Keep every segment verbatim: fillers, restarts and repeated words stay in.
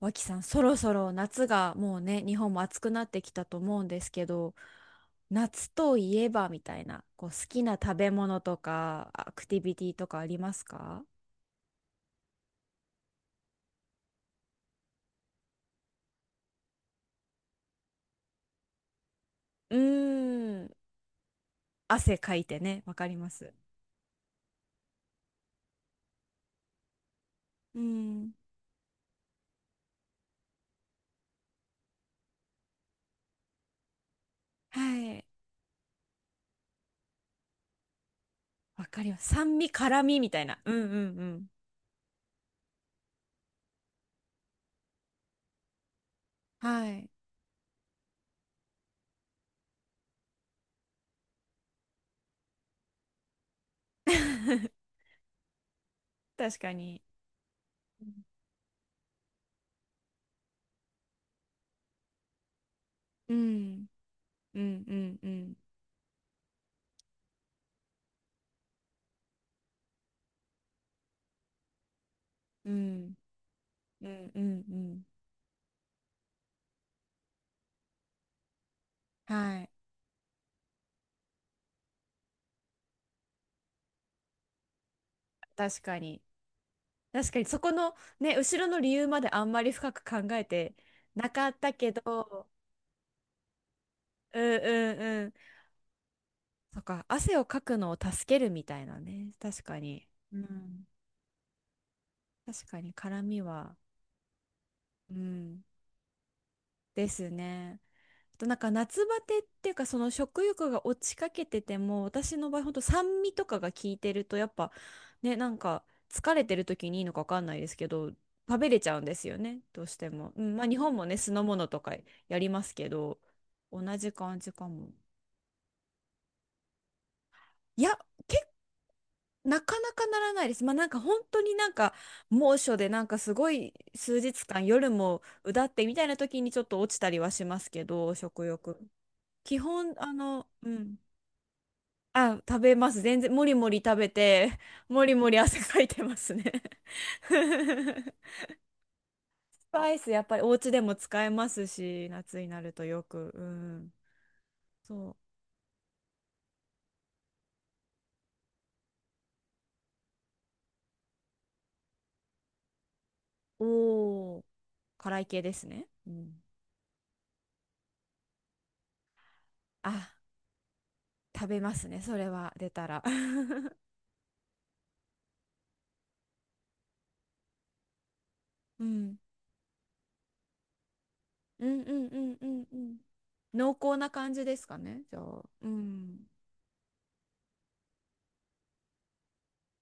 脇さん、そろそろ夏がもうね、日本も暑くなってきたと思うんですけど、夏といえばみたいな、こう好きな食べ物とか、アクティビティとかありますか？うーん、汗かいてね、わかります。うん、はい、わかります。酸味、辛味みたいな。うんうんうん。はい、確かに。うん、うん、うん、うん、うん、うんうんうん。はい、確かに。確かにそこのね、後ろの理由まであんまり深く考えてなかったけど、うんうんうん。そっか、汗をかくのを助けるみたいなね。確かに。うん。確かに、絡みは。うん。ですね。あとなんか夏バテっていうか、その食欲が落ちかけてても、私の場合ほんと酸味とかが効いてるとやっぱね、なんか疲れてる時にいいのかわかんないですけど、食べれちゃうんですよね、どうしても。うんまあ、日本もね、酢の物とかやりますけど、同じ感じかも。いや、結なかなかならないです。まあ、なんか本当になんか猛暑で、なんかすごい数日間夜もうだってみたいな時に、ちょっと落ちたりはしますけど、食欲。基本あのうん、あ、食べます。全然、もりもり食べて、もりもり汗かいてますね。スパイス、やっぱりお家でも使えますし、夏になるとよく。うん。そう。おー、辛い系ですね。うん。あ、食べますね。それは出たら。うん。うんうんうんうんうん。濃厚な感じですかね。じゃあ。うん。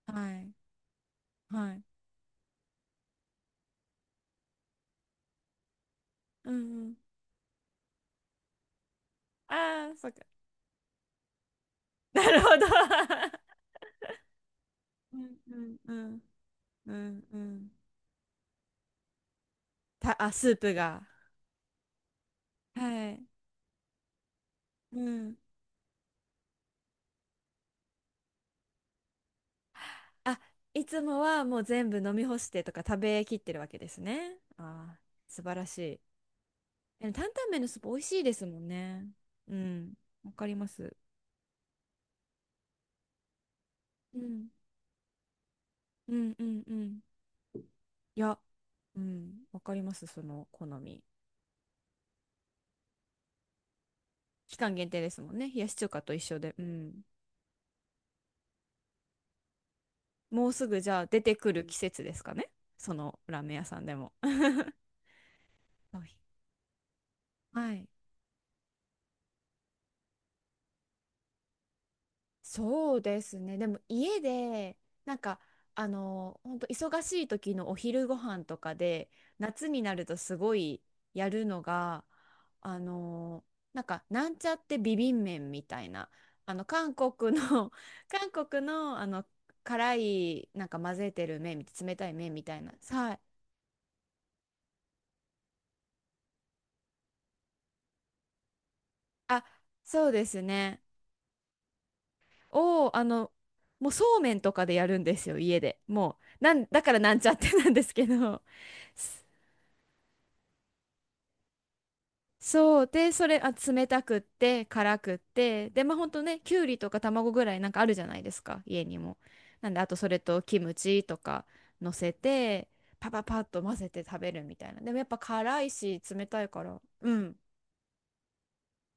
はい。はい。うんうん。ああ、そっか。なるほど。うんうんうんうんうん。た、あ、スープが。はい。うん。あ、いつもはもう全部飲み干してとか食べきってるわけですね。あー、素晴らしい。でも担々麺のスープ美味しいですもんね。うん。わかります。うん。うんうんうん。いや、うん。わかります、その好み。期間限定ですもんね。冷やし中華と一緒で。うん。もうすぐじゃあ出てくる季節ですかね。そのラーメン屋さんでも。はい。はい、そうですね。でも家でなんかあの本当忙しい時のお昼ご飯とかで、夏になるとすごいやるのが、あのなんかなんちゃってビビン麺みたいな、あの韓国の 韓国のあの辛いなんか混ぜてる麺、冷たい麺みたいな。はい。あ、そうですね。をあのもうそうめんとかでやるんですよ、家で。もうなんだからなんちゃってなんですけど。そう。で、それ、あ、冷たくって、辛くって、で、まあ、ほんとね、きゅうりとか卵ぐらいなんかあるじゃないですか、家にも。なんで、あとそれとキムチとか乗せて、パパパッと混ぜて食べるみたいな。でもやっぱ辛いし、冷たいから。うん。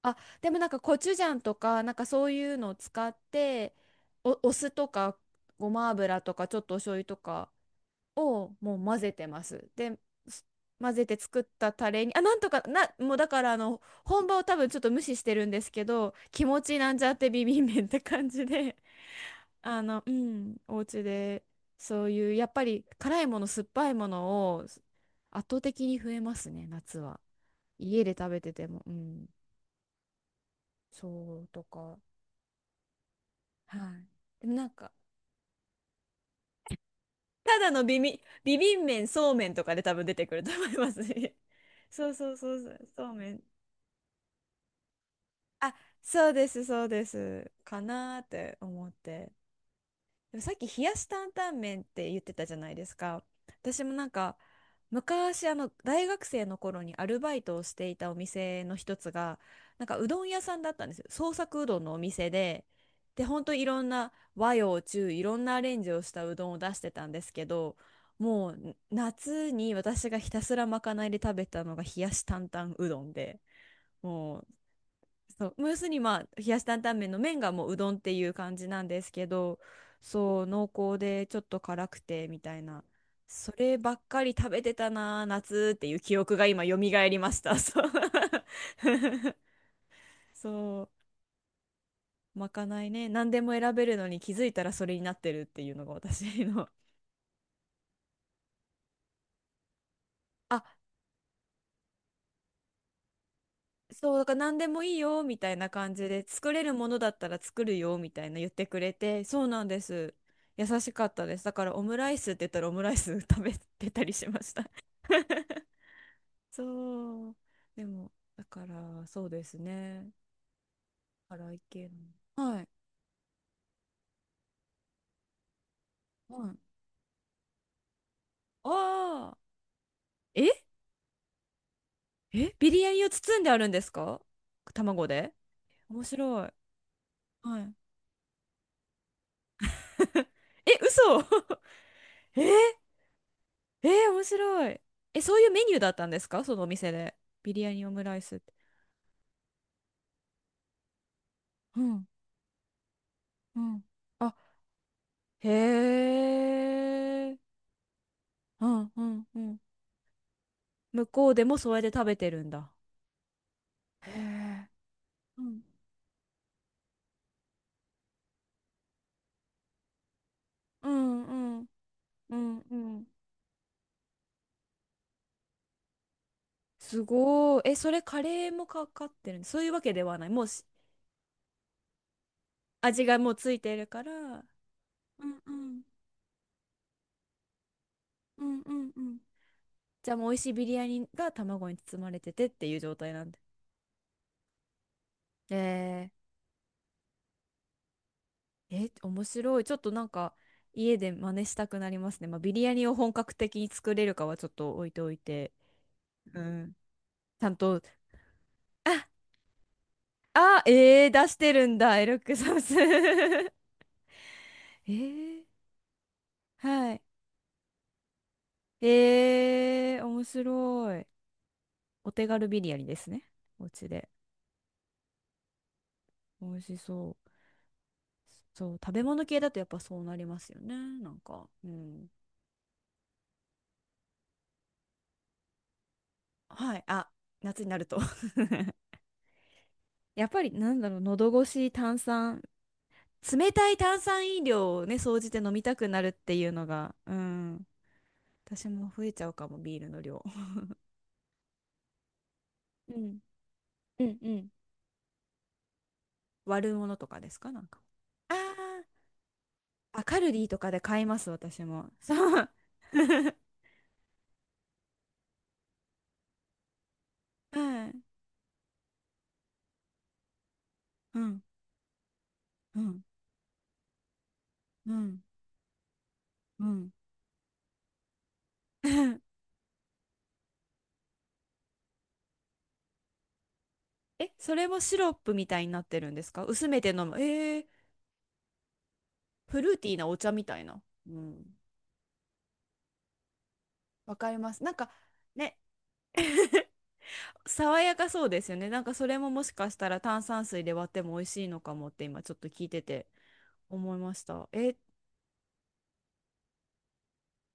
あ、でもなんかコチュジャンとか、なんかそういうのを使って、お、お酢とか、ごま油とか、ちょっとお醤油とか、をもう混ぜてます。で、す混ぜて作ったタレに、あ、なんとかな、もうだからあの、本場を多分ちょっと無視してるんですけど、気持ちなんちゃってビビン麺って感じで、あの、うん、お家で、そういう、やっぱり辛いもの、酸っぱいものを圧倒的に増えますね、夏は。家で食べてても、うん、そうとか、はい。でもなんか、ただのビビ、ビビン麺、そうめんとかで多分出てくると思いますね。そうそうそうそう、そうめん。あ、そうです、そうです。かなーって思って。でもさっき冷やし担々麺って言ってたじゃないですか。私もなんか昔あの大学生の頃にアルバイトをしていたお店の一つが、なんかうどん屋さんだったんですよ。創作うどんのお店で。で、本当いろんな和洋中、いろんなアレンジをしたうどんを出してたんですけど、もう夏に私がひたすらまかないで食べたのが冷やし担々うどんでも、そうムースに、まあ冷やし担々麺の麺がもううどんっていう感じなんですけど、そう濃厚でちょっと辛くてみたいな、そればっかり食べてたな夏っていう記憶が今蘇りました、そう。 そう、まかないね、何でも選べるのに気づいたらそれになってるっていうのが私の。 あ、そう、だから何でもいいよみたいな感じで、作れるものだったら作るよみたいな言ってくれて、そうなんです。優しかったです。だからオムライスって言ったらオムライス 食べてたりしました。 そう。でもだからそうですね、辛い系の、はい。はい。ああ、ええ、ビリヤニを包んであるんですか、卵で。面白い、はい。 え、嘘。 え、えー、面白い。え、そういうメニューだったんですかそのお店で。ビリヤニオムライスって。うん、うん。あ、へえ。うん、うん、うん。向こうでもそれで食べてるんだ。へえ。うん、うん、うん、うん、うん。すごい。え、それカレーもかかってるんそういうわけではない。もうし味がもうついてるから。うんうん。うんうんうん。じゃあもう美味しいビリヤニが卵に包まれててっていう状態なんで。えー、え、面白い。ちょっとなんか家で真似したくなりますね。まあ、ビリヤニを本格的に作れるかはちょっと置いておいて、うん、ちゃんと、あ、あ、えー、出してるんだ、エルックサス。えー、はい。えー、面白い。お手軽ビリヤニですね。お家で。美味しそう。そう、食べ物系だとやっぱそうなりますよね。なんか、うん。はい。あ、夏になると やっぱりなんだろう、喉越し、炭酸、冷たい炭酸飲料をね、総じて飲みたくなるっていうのが、うん、私も増えちゃうかも、ビールの量。うん。うんうん。割るものとかですか、なんか。あーあ、カルディとかで買います、私も。そう。はい。うん、うん、うん、うん。え、それもシロップみたいになってるんですか、薄めて飲む。えー、フルーティーなお茶みたいな。うん。わかります。なんか、ね。爽やかそうですよね。なんかそれももしかしたら炭酸水で割っても美味しいのかもって今ちょっと聞いてて思いました。え、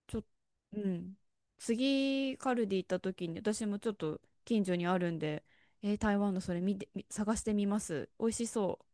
ちょ、うん。次カルディ行った時に、私もちょっと近所にあるんで、え、台湾のそれ見て、み探してみます。美味しそう。